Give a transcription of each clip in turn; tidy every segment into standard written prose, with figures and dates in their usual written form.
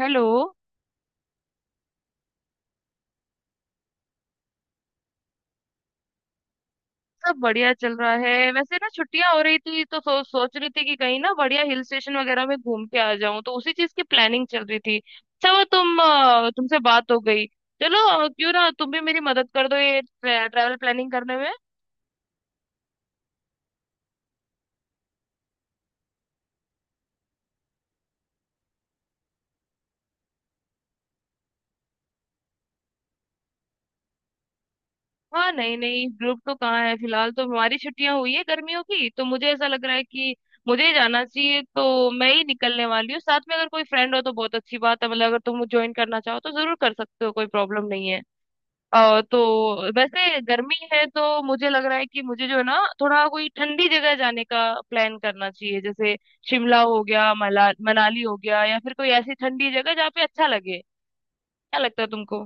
Hello. सब बढ़िया चल रहा है, वैसे ना छुट्टियां हो रही थी तो सोच रही थी कि कहीं ना बढ़िया हिल स्टेशन वगैरह में घूम के आ जाऊं, तो उसी चीज की प्लानिंग चल रही थी। अच्छा, वो तुमसे बात हो गई? चलो, क्यों ना तुम भी मेरी मदद कर दो ये ट्रैवल प्लानिंग करने में। हाँ नहीं नहीं, ग्रुप तो कहाँ है, फिलहाल तो हमारी छुट्टियां हुई है गर्मियों की, तो मुझे ऐसा लग रहा है कि मुझे ही जाना चाहिए, तो मैं ही निकलने वाली हूँ। साथ में अगर कोई फ्रेंड हो तो बहुत अच्छी बात है, मतलब अगर तुम ज्वाइन करना चाहो तो जरूर कर सकते हो, कोई प्रॉब्लम नहीं है। तो वैसे गर्मी है तो मुझे लग रहा है कि मुझे जो है ना थोड़ा कोई ठंडी जगह जाने का प्लान करना चाहिए, जैसे शिमला हो गया, मला मनाली हो गया, या फिर कोई ऐसी ठंडी जगह जहाँ पे अच्छा लगे। क्या लगता है तुमको?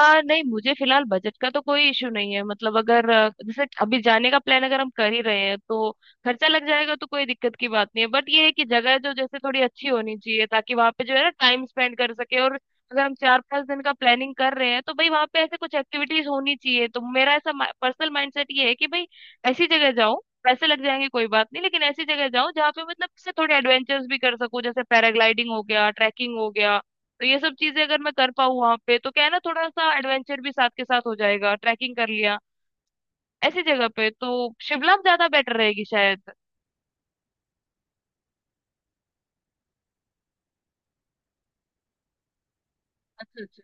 नहीं, मुझे फिलहाल बजट का तो कोई इशू नहीं है, मतलब अगर जैसे अभी जाने का प्लान अगर हम कर ही रहे हैं तो खर्चा लग जाएगा, तो कोई दिक्कत की बात नहीं है। बट ये है कि जगह जो जैसे थोड़ी अच्छी होनी चाहिए ताकि वहां पे जो है ना टाइम स्पेंड कर सके, और अगर हम चार पांच दिन का प्लानिंग कर रहे हैं तो भाई वहां पे ऐसे कुछ एक्टिविटीज होनी चाहिए। तो मेरा ऐसा पर्सनल माइंडसेट ये है कि भाई ऐसी जगह जाओ, पैसे लग जाएंगे कोई बात नहीं, लेकिन ऐसी जगह जाओ जहाँ पे मतलब से थोड़े एडवेंचर्स भी कर सको, जैसे पैराग्लाइडिंग हो गया, ट्रैकिंग हो गया। तो ये सब चीजें अगर मैं कर पाऊँ वहां पे तो क्या है ना थोड़ा सा एडवेंचर भी साथ के साथ हो जाएगा, ट्रैकिंग कर लिया ऐसी जगह पे तो। शिमला ज्यादा बेटर रहेगी शायद। अच्छा अच्छा,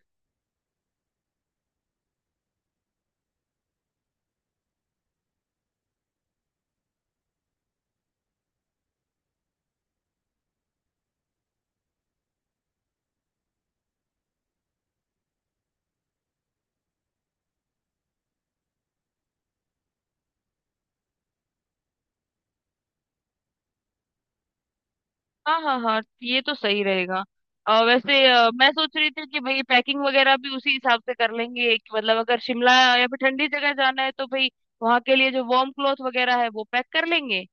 हाँ हाँ हाँ ये तो सही रहेगा। और वैसे मैं सोच रही थी कि भाई पैकिंग वगैरह भी उसी हिसाब से कर लेंगे कि मतलब अगर शिमला या फिर ठंडी जगह जाना है तो भाई वहाँ के लिए जो वार्म क्लॉथ वगैरह है वो पैक कर लेंगे।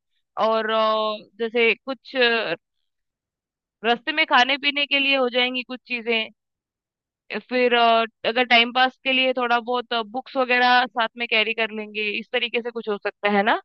और जैसे कुछ रास्ते में खाने पीने के लिए हो जाएंगी कुछ चीजें। फिर अगर टाइम पास के लिए थोड़ा बहुत बुक्स वगैरह साथ में कैरी कर लेंगे, इस तरीके से कुछ हो सकता है ना?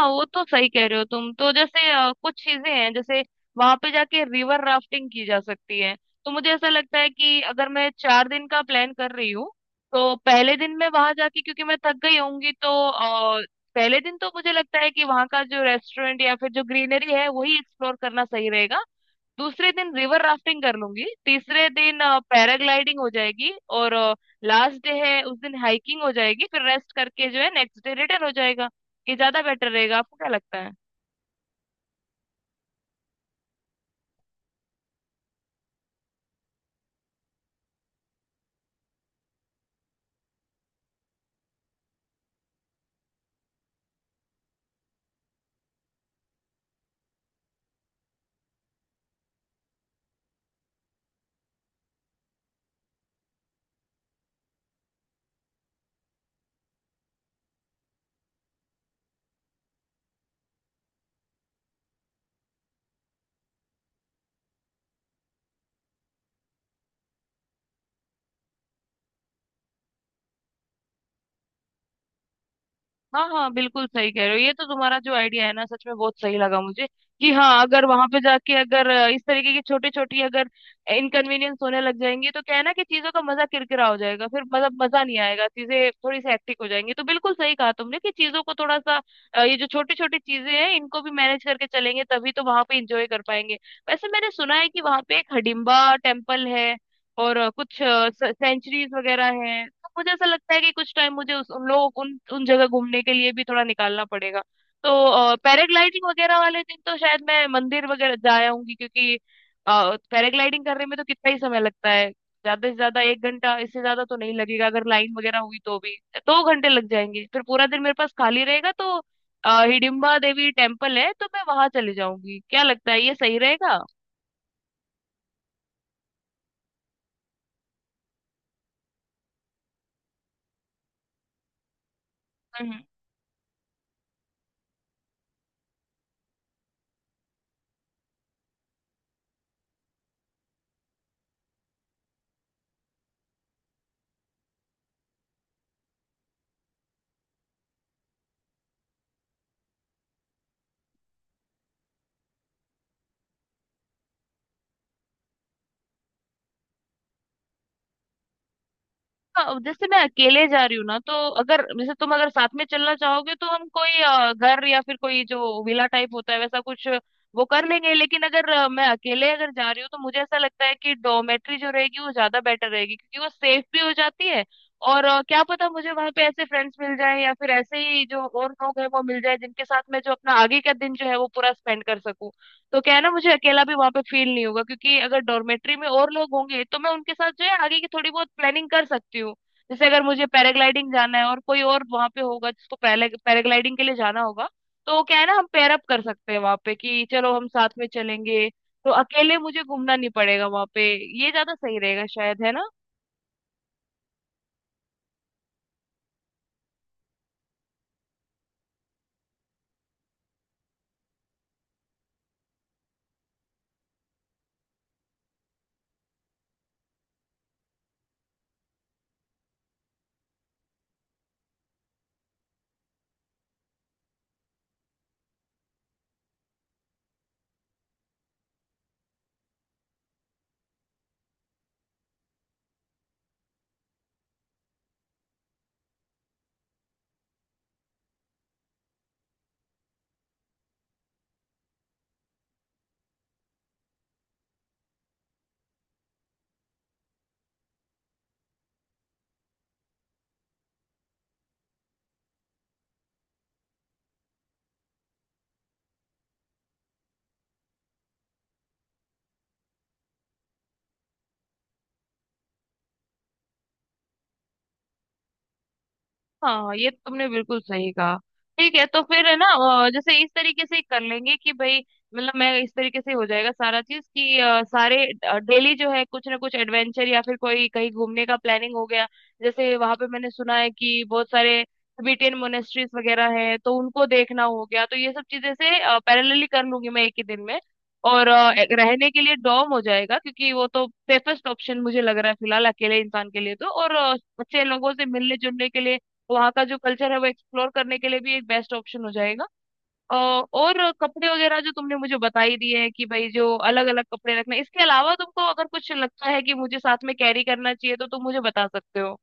हाँ वो तो सही कह रहे हो तुम, तो जैसे कुछ चीजें हैं, जैसे वहां पे जाके रिवर राफ्टिंग की जा सकती है, तो मुझे ऐसा लगता है कि अगर मैं 4 दिन का प्लान कर रही हूँ तो पहले दिन मैं वहां जाके क्योंकि मैं थक गई होंगी तो पहले दिन तो मुझे लगता है कि वहां का जो रेस्टोरेंट या फिर जो ग्रीनरी है वही एक्सप्लोर करना सही रहेगा। दूसरे दिन रिवर राफ्टिंग कर लूंगी, तीसरे दिन पैराग्लाइडिंग हो जाएगी, और लास्ट डे है उस दिन हाइकिंग हो जाएगी, फिर रेस्ट करके जो है नेक्स्ट डे रिटर्न हो जाएगा। ये ज्यादा बेटर रहेगा, आपको क्या लगता है? हाँ हाँ, बिल्कुल सही कह रहे हो, ये तो तुम्हारा जो आइडिया है ना सच में बहुत सही लगा मुझे कि हाँ अगर वहां पे जाके अगर इस तरीके की छोटी छोटी अगर इनकन्वीनियंस होने लग जाएंगी तो क्या है ना कि चीजों का मजा किरकिरा हो जाएगा, फिर मतलब मजा नहीं आएगा, चीजें थोड़ी सी हेक्टिक हो जाएंगी। तो बिल्कुल सही कहा तुमने कि चीजों को थोड़ा सा ये जो छोटी छोटी चीजें हैं इनको भी मैनेज करके चलेंगे, तभी तो वहां पे इंजॉय कर पाएंगे। वैसे मैंने सुना है कि वहां पे एक हडिम्बा टेम्पल है और कुछ सेंचुरीज वगैरह हैं, तो मुझे ऐसा लगता है कि कुछ टाइम मुझे उस उन लोग उन उन जगह घूमने के लिए भी थोड़ा निकालना पड़ेगा। तो पैराग्लाइडिंग वगैरह वाले दिन तो शायद मैं मंदिर वगैरह जा आऊंगी, क्योंकि पैराग्लाइडिंग करने में तो कितना ही समय लगता है, ज्यादा से ज्यादा 1 घंटा, इससे ज्यादा तो नहीं लगेगा। अगर लाइन वगैरह हुई तो भी 2 घंटे लग जाएंगे, फिर पूरा दिन मेरे पास खाली रहेगा। तो हिडिंबा देवी टेम्पल है तो मैं वहां चली जाऊंगी। क्या लगता है, ये सही रहेगा? हम्म। हाँ, जैसे मैं अकेले जा रही हूँ ना तो अगर जैसे तुम अगर साथ में चलना चाहोगे तो हम कोई घर या फिर कोई जो विला टाइप होता है वैसा कुछ वो कर लेंगे, लेकिन अगर मैं अकेले अगर जा रही हूँ तो मुझे ऐसा लगता है कि डोमेट्री जो रहेगी वो ज्यादा बेटर रहेगी क्योंकि वो सेफ भी हो जाती है। और क्या पता मुझे वहां पे ऐसे फ्रेंड्स मिल जाए या फिर ऐसे ही जो और लोग हैं वो मिल जाए जिनके साथ मैं जो अपना आगे का दिन जो है वो पूरा स्पेंड कर सकूं। तो क्या है ना मुझे अकेला भी वहां पे फील नहीं होगा, क्योंकि अगर डॉर्मेट्री में और लोग होंगे तो मैं उनके साथ जो है आगे की थोड़ी बहुत प्लानिंग कर सकती हूँ। जैसे अगर मुझे पैराग्लाइडिंग जाना है और कोई और वहां पे होगा जिसको पैराग्लाइडिंग के लिए जाना होगा तो क्या है ना हम पेयर अप कर सकते हैं वहां पे कि चलो हम साथ में चलेंगे, तो अकेले मुझे घूमना नहीं पड़ेगा वहां पे। ये ज्यादा सही रहेगा शायद, है ना? हाँ ये तुमने बिल्कुल सही कहा। ठीक है, तो फिर है ना जैसे इस तरीके से कर लेंगे कि भाई, मतलब मैं इस तरीके से हो जाएगा सारा चीज कि सारे डेली जो है कुछ ना कुछ एडवेंचर या फिर कोई कहीं घूमने का प्लानिंग हो गया, जैसे वहां पे मैंने सुना है कि बहुत सारे तिबेटियन मोनेस्ट्रीज वगैरह हैं तो उनको देखना हो गया, तो ये सब चीजें से पैरेलली कर लूंगी मैं एक ही दिन में। और एक रहने के लिए डॉर्म हो जाएगा क्योंकि वो तो सेफेस्ट ऑप्शन मुझे लग रहा है फिलहाल अकेले इंसान के लिए, तो और अच्छे लोगों से मिलने जुलने के लिए, वहाँ का जो कल्चर है वो एक्सप्लोर करने के लिए भी एक बेस्ट ऑप्शन हो जाएगा। और कपड़े वगैरह जो तुमने मुझे बता ही दिए हैं कि भाई जो अलग अलग कपड़े रखने, इसके अलावा तुमको अगर कुछ लगता है कि मुझे साथ में कैरी करना चाहिए तो तुम मुझे बता सकते हो।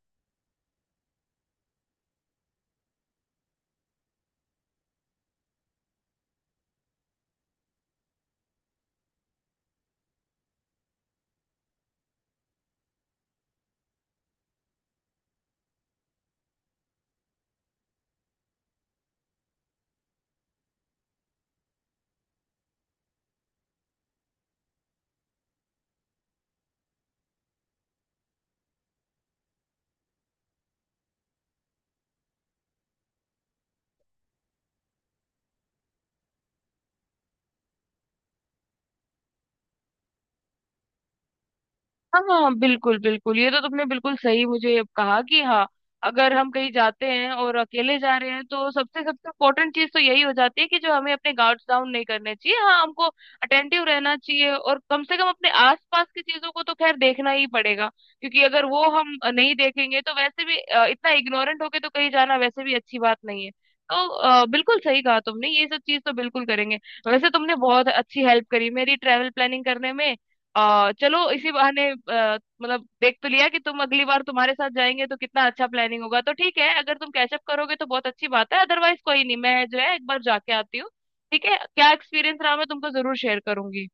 हाँ हाँ, बिल्कुल बिल्कुल, ये तो तुमने बिल्कुल सही मुझे कहा कि हाँ अगर हम कहीं जाते हैं और अकेले जा रहे हैं तो सबसे सबसे इम्पोर्टेंट चीज तो यही हो जाती है कि जो हमें अपने गार्ड्स डाउन नहीं करने चाहिए। हाँ हमको अटेंटिव रहना चाहिए और कम से कम अपने आसपास की चीजों को तो खैर देखना ही पड़ेगा, क्योंकि अगर वो हम नहीं देखेंगे तो वैसे भी इतना इग्नोरेंट होके तो कहीं जाना वैसे भी अच्छी बात नहीं है। तो बिल्कुल सही कहा तुमने, ये सब चीज तो बिल्कुल करेंगे। वैसे तुमने बहुत अच्छी हेल्प करी मेरी ट्रेवल प्लानिंग करने में। चलो इसी बहाने मतलब देख तो लिया कि तुम, अगली बार तुम्हारे साथ जाएंगे तो कितना अच्छा प्लानिंग होगा, तो ठीक है अगर तुम कैचअप करोगे तो बहुत अच्छी बात है, अदरवाइज कोई नहीं, मैं जो है एक बार जाके आती हूँ। ठीक है, क्या एक्सपीरियंस रहा मैं तुमको जरूर शेयर करूंगी।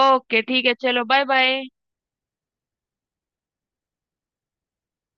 ओके ठीक है, चलो बाय बाय।